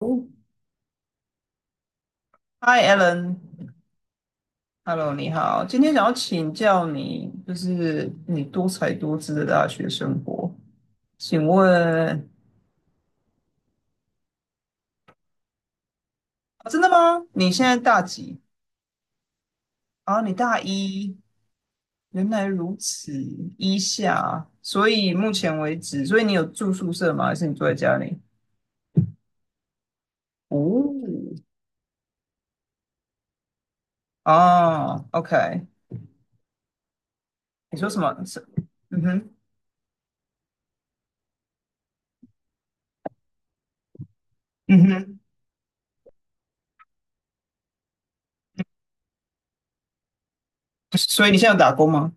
Hi, Alan，Hello，你好。今天想要请教你，就是你多才多姿的大学生活，请问，啊真的吗？你现在大几？啊，你大一，原来如此，一下。所以目前为止，所以你有住宿舍吗？还是你住在家里？哦，哦，OK。你说什么？是嗯哼，嗯哼。所以你现在有打工吗？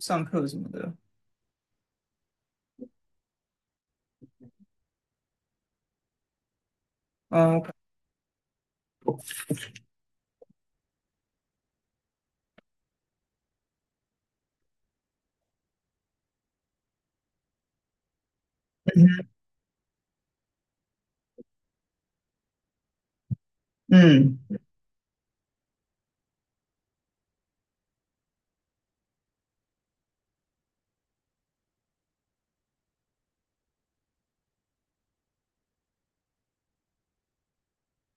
上课什么的？嗯，OK 嗯，了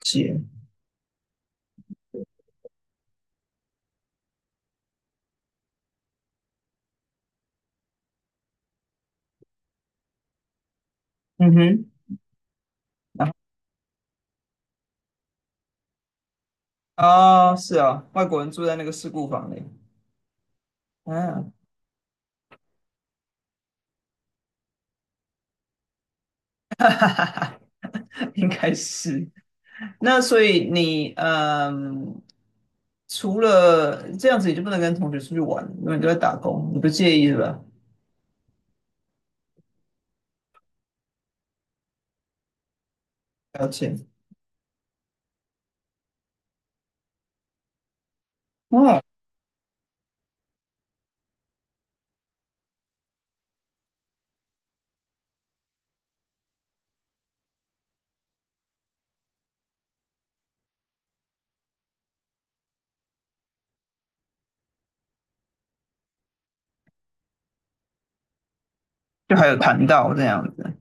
解。嗯哼，然后哦，是啊，外国人住在那个事故房里，嗯、哈哈哈，应该是。那所以你除了这样子，你就不能跟同学出去玩，因为你都在打工，你不介意是吧？了解，哦，就还有谈到这样子，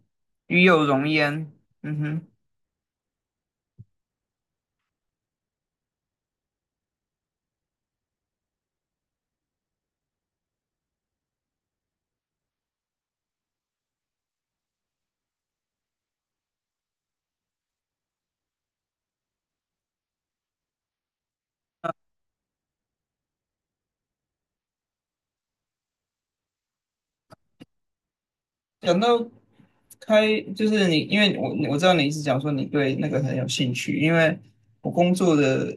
与有容焉，嗯哼。讲到开，就是你，因为我知道你是讲说你对那个很有兴趣，因为我工作的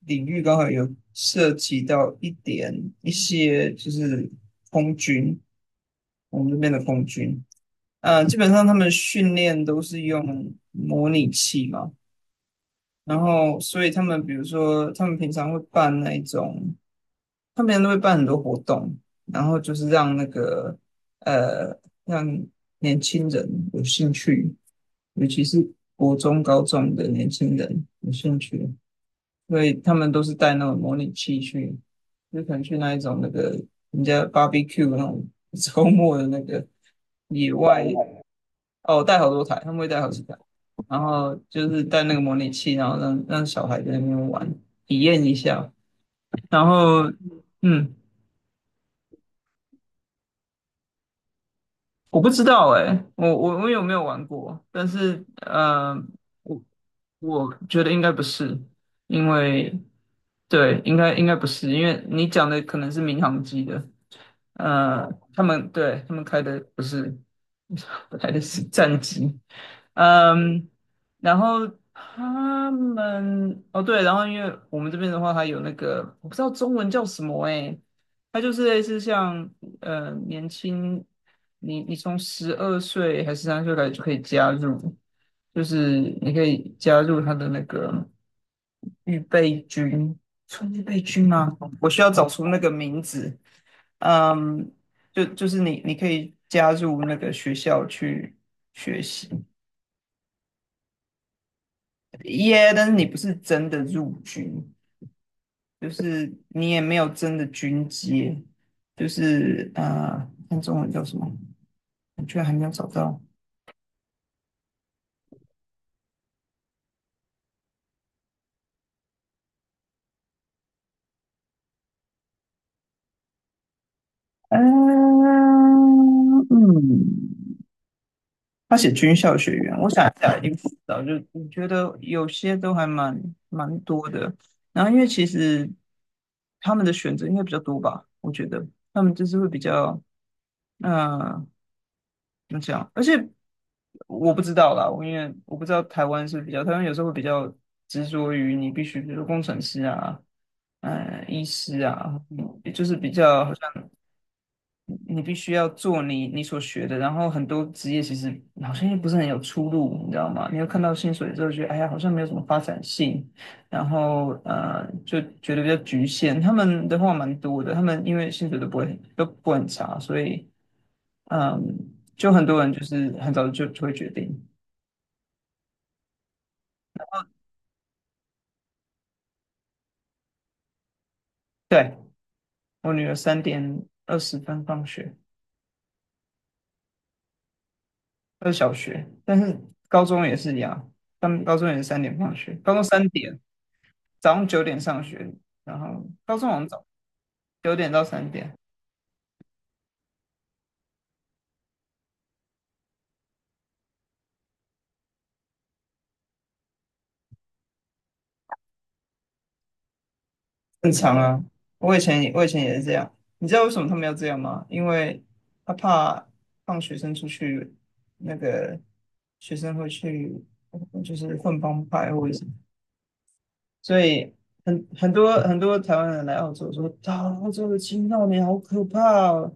领域刚好有涉及到一点一些就是空军，我们这边的空军，基本上他们训练都是用模拟器嘛，然后所以他们比如说他们平常会办那一种。他们都会办很多活动，然后就是让那个呃，让年轻人有兴趣，尤其是国中、高中的年轻人有兴趣，所以他们都是带那种模拟器去，就可能去那一种那个人家 barbecue 那种 周末的那个野外，哦，带好多台，他们会带好几台，然后就是带那个模拟器，然后让小孩在那边玩，体验一下，然后嗯。我不知道哎、我有没有玩过？但是我我觉得应该不是，因为对，应该不是，因为你讲的可能是民航机的，他们对他们开的不是，开的是战机，嗯，然后他们哦对，然后因为我们这边的话，它有那个我不知道中文叫什么诶，它就是类似像年轻，你从12岁还是3岁开始就可以加入，就是你可以加入他的那个预备军，算预备军吗？我需要找出那个名字。嗯，就是你可以加入那个学校去学习。耶，但是你不是真的入军，就是你也没有真的军阶，就是看中文叫什么？我居然还没有找到。嗯嗯，他写军校学员，我想一下，一定不知道就我觉得有些都还蛮多的。然后因为其实他们的选择应该比较多吧，我觉得他们就是会比较，嗯。那这样，而且我不知道啦，我因为我不知道台湾是比较，台湾有时候会比较执着于你必须，比如说工程师啊，医师啊，就是比较好像你必须要做你所学的，然后很多职业其实好像又不是很有出路，你知道吗？你又看到薪水之后觉得，哎呀，好像没有什么发展性，然后就觉得比较局限。他们的话蛮多的，他们因为薪水都不会很差，所以。嗯，就很多人就是很早就会决定。对，我女儿3:20放学，小学，但是高中也是一样，他们高中也是三点放学，高中三点，早上九点上学，然后高中好像早9点到3点，正常啊。我以前也是这样，你知道为什么他们要这样吗？因为他怕放学生出去，那个学生会去就是混帮派或者是所以很多台湾人来澳洲说，啊，澳洲的青少年好可怕哦，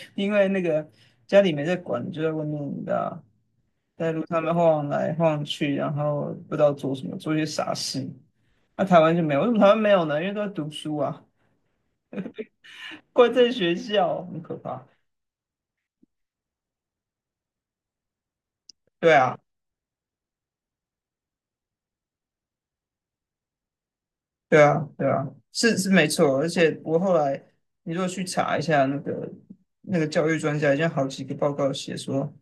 因为那个家里没在管，就在外面，你知道，在路上面晃来晃去，然后不知道做什么，做一些傻事。那、台湾就没有，为什么台湾没有呢？因为都在读书啊，关在学校，很可怕。对啊。对啊，对啊，是是没错。而且我后来，你如果去查一下那个教育专家，已经好几个报告写说，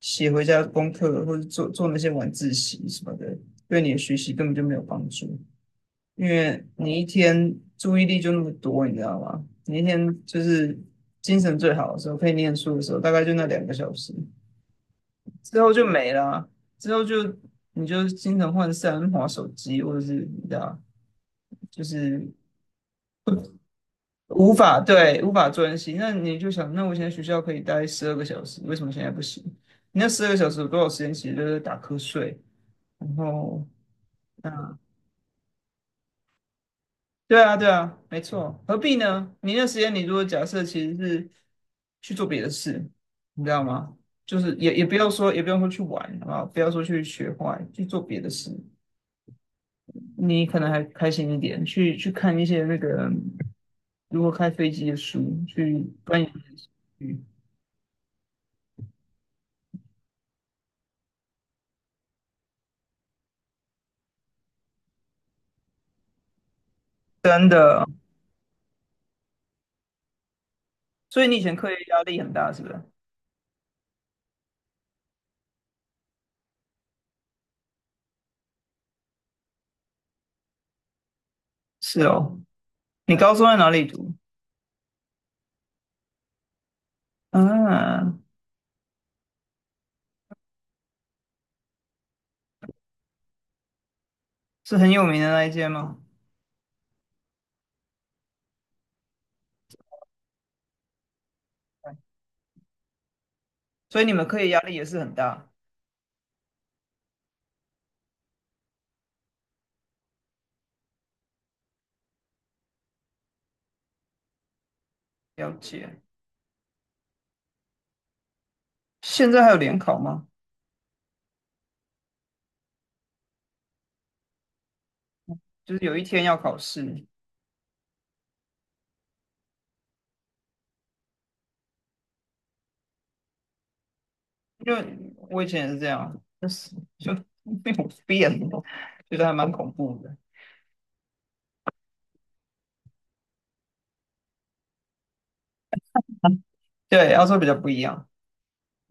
写回家功课或者做那些晚自习什么的，对你的学习根本就没有帮助，因为你一天注意力就那么多，你知道吗？你一天就是精神最好的时候，可以念书的时候，大概就那2个小时，之后就没了啊之后就你就精神涣散，划手机或者是你知道。就是无法专心。那你就想，那我现在学校可以待十二个小时，为什么现在不行？你那十二个小时有多少时间其实都是打瞌睡，然后。对啊，对啊，没错，何必呢？你那时间，你如果假设其实是去做别的事，你知道吗？就是也不要说，也不用说去玩，好不好？不要说去学坏，去做别的事，你可能还开心一点，去看一些那个如何开飞机的书，去钻研。真的，所以你以前课业压力很大，是不是？是哦，你高中在哪里读？嗯，是很有名的那一间吗？所以你们课业压力也是很大，了解。现在还有联考吗？就是有一天要考试，因为我以前也是这样，就是 就没有变，觉得还蛮恐怖的。对，要说比较不一样。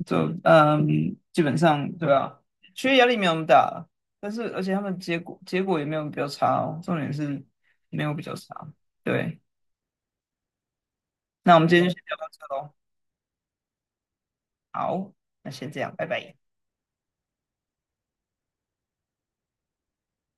就嗯，基本上对啊，学业压力没有那么大，但是而且他们结果也没有比较差哦，重点是没有比较差。对，那我们今天就先聊到这喽，好，那先这样，拜拜。